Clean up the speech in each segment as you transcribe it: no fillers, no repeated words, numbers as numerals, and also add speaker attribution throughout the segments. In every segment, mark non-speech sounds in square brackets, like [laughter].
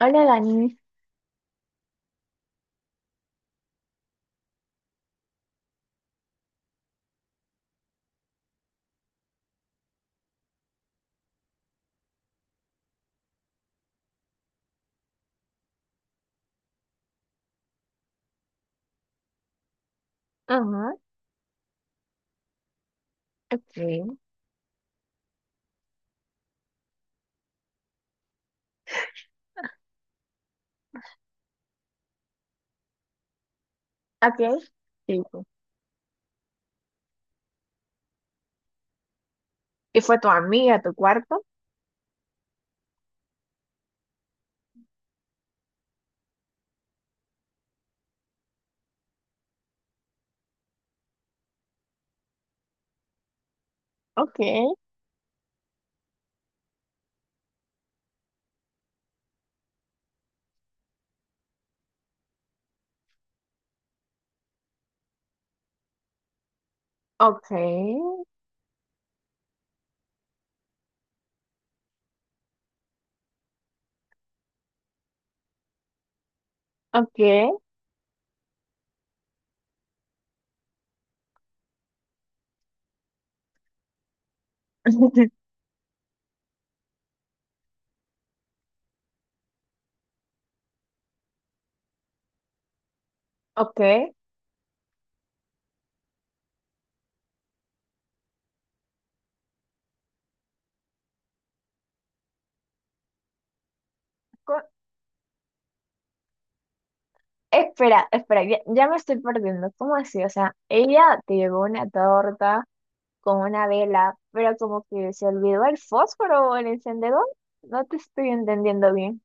Speaker 1: Hola, Dani. Ajá, ok. Ok, sí, sí. ¿Y fue tu amiga a tu cuarto? Ok, ok, ok. [laughs] Ok. Co- Espera, espera, ya me estoy perdiendo. ¿Cómo así? O sea, ella te llevó una torta con una vela, pero como que se olvidó el fósforo o el encendedor. No te estoy entendiendo bien.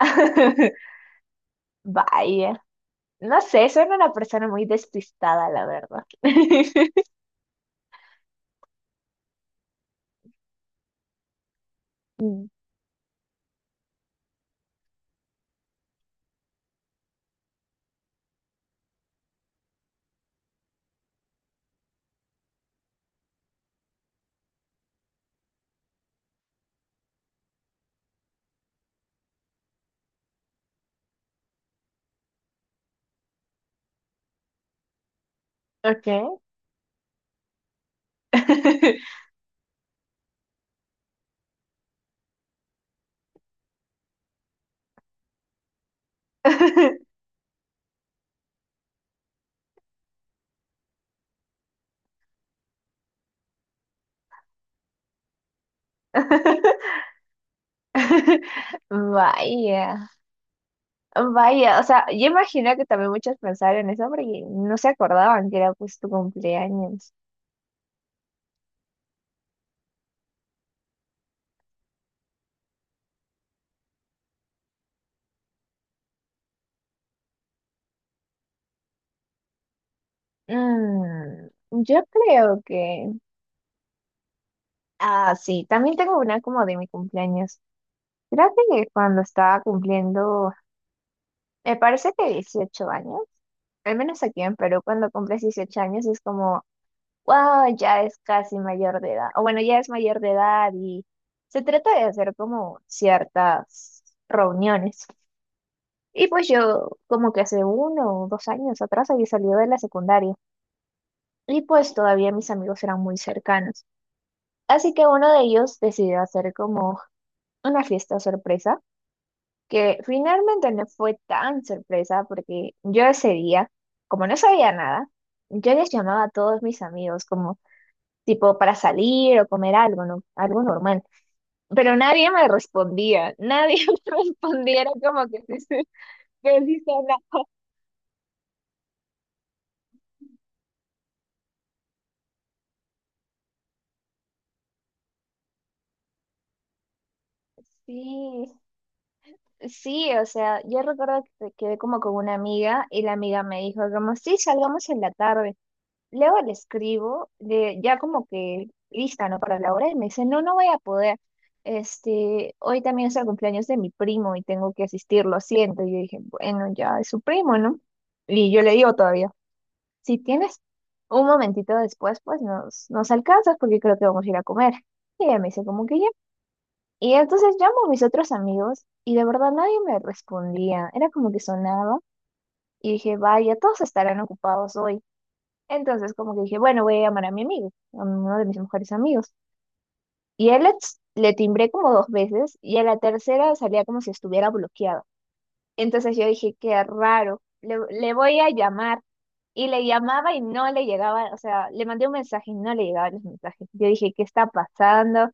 Speaker 1: [laughs] Vaya, no sé, soy una persona muy despistada, la verdad. [laughs] Mm. Ok. [laughs] [laughs] Vaya, vaya, o sea, yo imagino que también muchos pensaron eso porque no se acordaban que era pues tu cumpleaños. Yo creo que. Ah, sí, también tengo una como de mi cumpleaños. Creo que cuando estaba cumpliendo, me parece que 18 años, al menos aquí en Perú, cuando cumples 18 años es como wow, ya es casi mayor de edad, o bueno, ya es mayor de edad y se trata de hacer como ciertas reuniones. Y pues yo como que hace 1 o 2 años atrás había salido de la secundaria y pues todavía mis amigos eran muy cercanos. Así que uno de ellos decidió hacer como una fiesta sorpresa, que finalmente no fue tan sorpresa porque yo ese día, como no sabía nada, yo les llamaba a todos mis amigos como. Tipo para salir o comer algo, ¿no? Algo normal. Pero nadie me respondía, nadie [laughs] me respondía, era como que sí, sí, que sí, sola. Sí, sí, o sea, yo recuerdo que quedé como con una amiga y la amiga me dijo como, sí, salgamos en la tarde. Luego le escribo, de, ya como que lista, ¿no? Para la hora y me dice, no, no voy a poder. Este, hoy también es el cumpleaños de mi primo y tengo que asistir, lo siento. Y yo dije, bueno, ya es su primo, ¿no? Y yo le digo todavía. Si tienes un momentito después, pues nos alcanzas porque creo que vamos a ir a comer. Y ella me dice como que ya. Y entonces llamo a mis otros amigos y de verdad nadie me respondía. Era como que sonaba y dije, vaya, todos estarán ocupados hoy. Entonces como que dije, bueno, voy a llamar a mi amigo, a uno de mis mejores amigos. Y él le timbré como dos veces y a la tercera salía como si estuviera bloqueado. Entonces yo dije, qué raro, le voy a llamar. Y le llamaba y no le llegaba, o sea, le mandé un mensaje y no le llegaban los mensajes. Yo dije, ¿qué está pasando?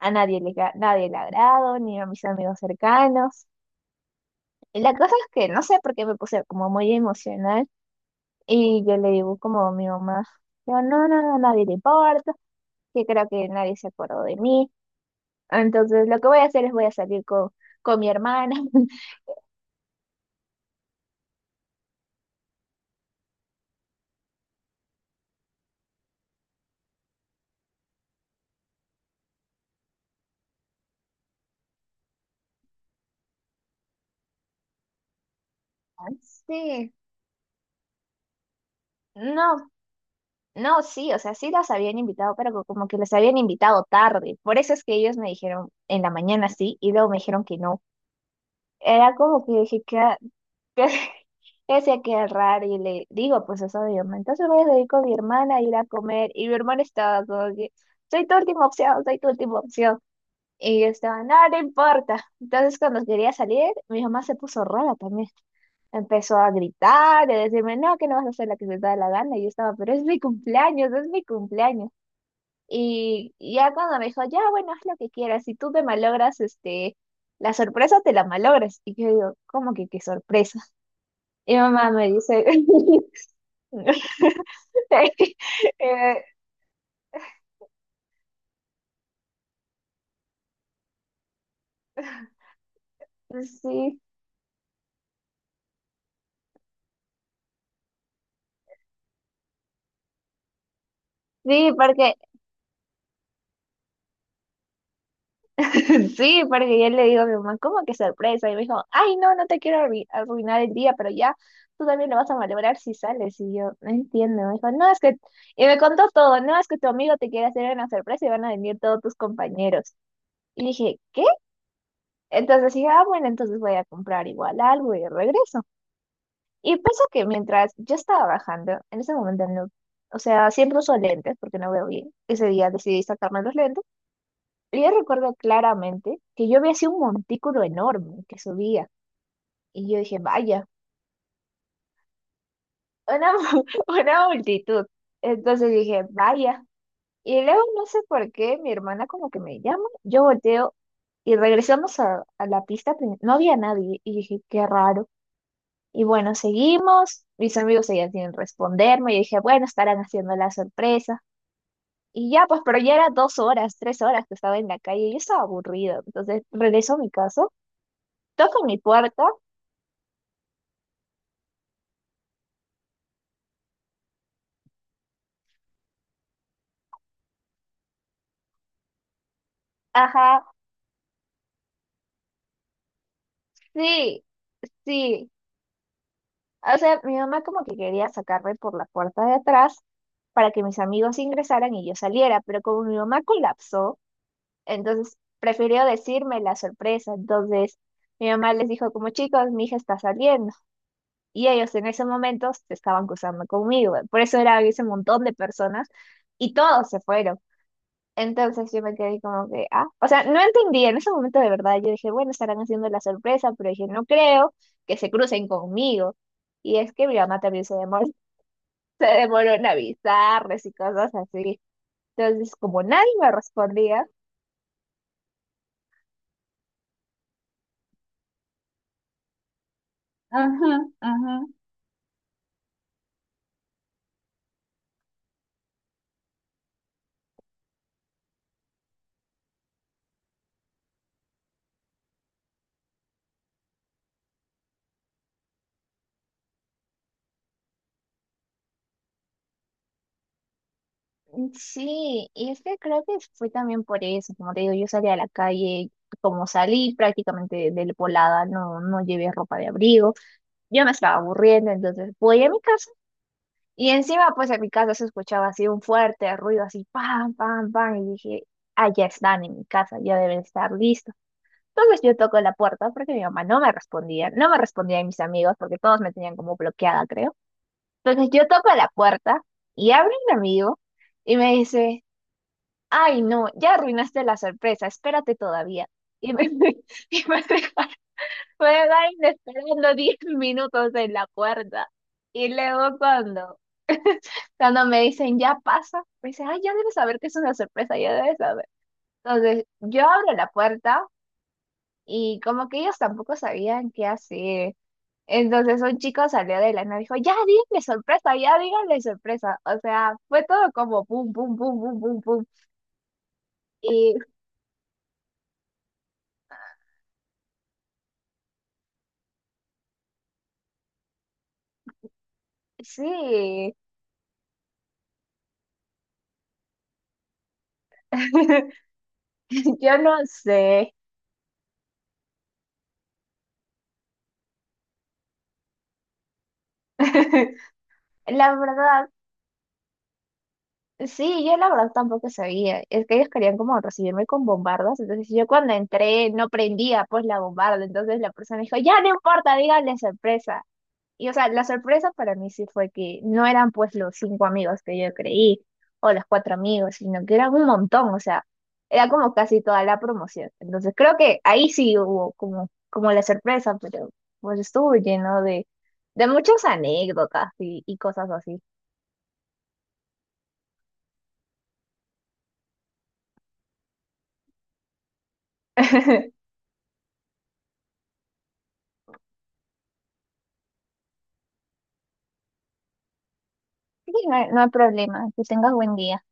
Speaker 1: A nadie nadie le agrado, ni a mis amigos cercanos. Y la cosa es que no sé por qué me puse como muy emocional y yo le digo como a mi mamá, yo, no, no, no, nadie le importa, que creo que nadie se acordó de mí. Entonces lo que voy a hacer es voy a salir con, mi hermana. [laughs] Sí, no. No, sí, o sea, sí las habían invitado, pero como que les habían invitado tarde. Por eso es que ellos me dijeron en la mañana sí y luego me dijeron que no. Era como que dije que, que [laughs] yo decía que era raro y le digo, pues eso de mi hermana. Entonces voy a ir con mi hermana a ir a comer y mi hermana estaba como que, soy tu última opción, soy tu última opción. Y yo estaba, no, no importa. Entonces cuando quería salir, mi mamá se puso rara también. Empezó a gritar, a decirme, no, que no vas a hacer la que se te da la gana. Y yo estaba, pero es mi cumpleaños, es mi cumpleaños. Y ya cuando me dijo, ya, bueno, haz lo que quieras. Si tú me malogras, este, la sorpresa te la malogras. Y yo digo, ¿cómo que qué sorpresa? Y mamá me dice. [laughs] eh, sí, sí, porque [laughs] sí, porque yo le digo a mi mamá, ¿cómo que sorpresa? Y me dijo, ay, no, no te quiero arruinar el día, pero ya tú también lo vas a malograr si sales. Y yo, no entiendo. Me dijo, no, es que. Y me contó todo, no, es que tu amigo te quiere hacer una sorpresa y van a venir todos tus compañeros. Y dije, ¿qué? Entonces dije, ah, bueno, entonces voy a comprar igual algo y regreso. Y pasa que mientras yo estaba bajando, en ese momento no. O sea, siempre uso lentes porque no veo bien. Ese día decidí sacarme los lentes. Yo recuerdo claramente que yo había sido un montículo enorme que subía y yo dije, vaya, [laughs] una multitud. Entonces dije, vaya. Y luego no sé por qué mi hermana como que me llama, yo volteo y regresamos a, la pista, no había nadie y dije, qué raro. Y bueno, seguimos, mis amigos seguían sin responderme y dije, bueno, estarán haciendo la sorpresa. Y ya, pues, pero ya era dos horas, tres horas que estaba en la calle y yo estaba aburrida. Entonces regreso a mi casa, toco mi puerta. Ajá, sí, sí. O sea, mi mamá como que quería sacarme por la puerta de atrás para que mis amigos ingresaran y yo saliera, pero como mi mamá colapsó, entonces prefirió decirme la sorpresa. Entonces mi mamá les dijo como chicos, mi hija está saliendo. Y ellos en ese momento se estaban cruzando conmigo. Por eso era ese montón de personas y todos se fueron. Entonces yo me quedé como que, ah, o sea, no entendí en ese momento de verdad. Yo dije, bueno, estarán haciendo la sorpresa, pero dije, no creo que se crucen conmigo. Y es que mi mamá también se demoró, [laughs] se demoró en avisarles y cosas así. Entonces, como nadie me respondía, ajá, ajá. Sí, y es que creo que fue también por eso. Como te digo, yo salí a la calle, como salí prácticamente de, volada, no, no llevé ropa de abrigo. Yo me estaba aburriendo, entonces voy a mi casa. Y encima, pues en mi casa se escuchaba así un fuerte ruido, así pam, pam, pam, y dije, ah, ya están en mi casa, ya deben estar listos. Entonces yo toco la puerta porque mi mamá no me respondía, no me respondían mis amigos porque todos me tenían como bloqueada, creo. Entonces yo toco la puerta y abre un amigo y me dice, ay, no, ya arruinaste la sorpresa, espérate todavía. Y me [laughs] y me dejaron esperando 10 minutos en la puerta. Y luego cuando me dicen, ya pasa, me dicen, ay, ya debes saber que es una sorpresa, ya debes saber. Entonces, yo abro la puerta y como que ellos tampoco sabían qué hacer. Entonces, un chico salió de la nada y dijo, ya díganle sorpresa, ya díganle sorpresa. O sea, fue todo como pum, pum, pum, pum, pum, pum. Y sí, [laughs] yo no sé. [laughs] La verdad, sí, yo la verdad tampoco sabía. Es que ellos querían como recibirme con bombardas. Entonces yo cuando entré no prendía pues la bombarda. Entonces la persona dijo, ya no importa, díganle sorpresa. Y o sea, la sorpresa para mí sí fue que no eran pues los cinco amigos que yo creí o los cuatro amigos, sino que eran un montón. O sea, era como casi toda la promoción. Entonces creo que ahí sí hubo como, como la sorpresa, pero pues estuvo lleno de, muchas anécdotas y, cosas así. [laughs] Sí, no hay, no hay problema. Que tengas buen día.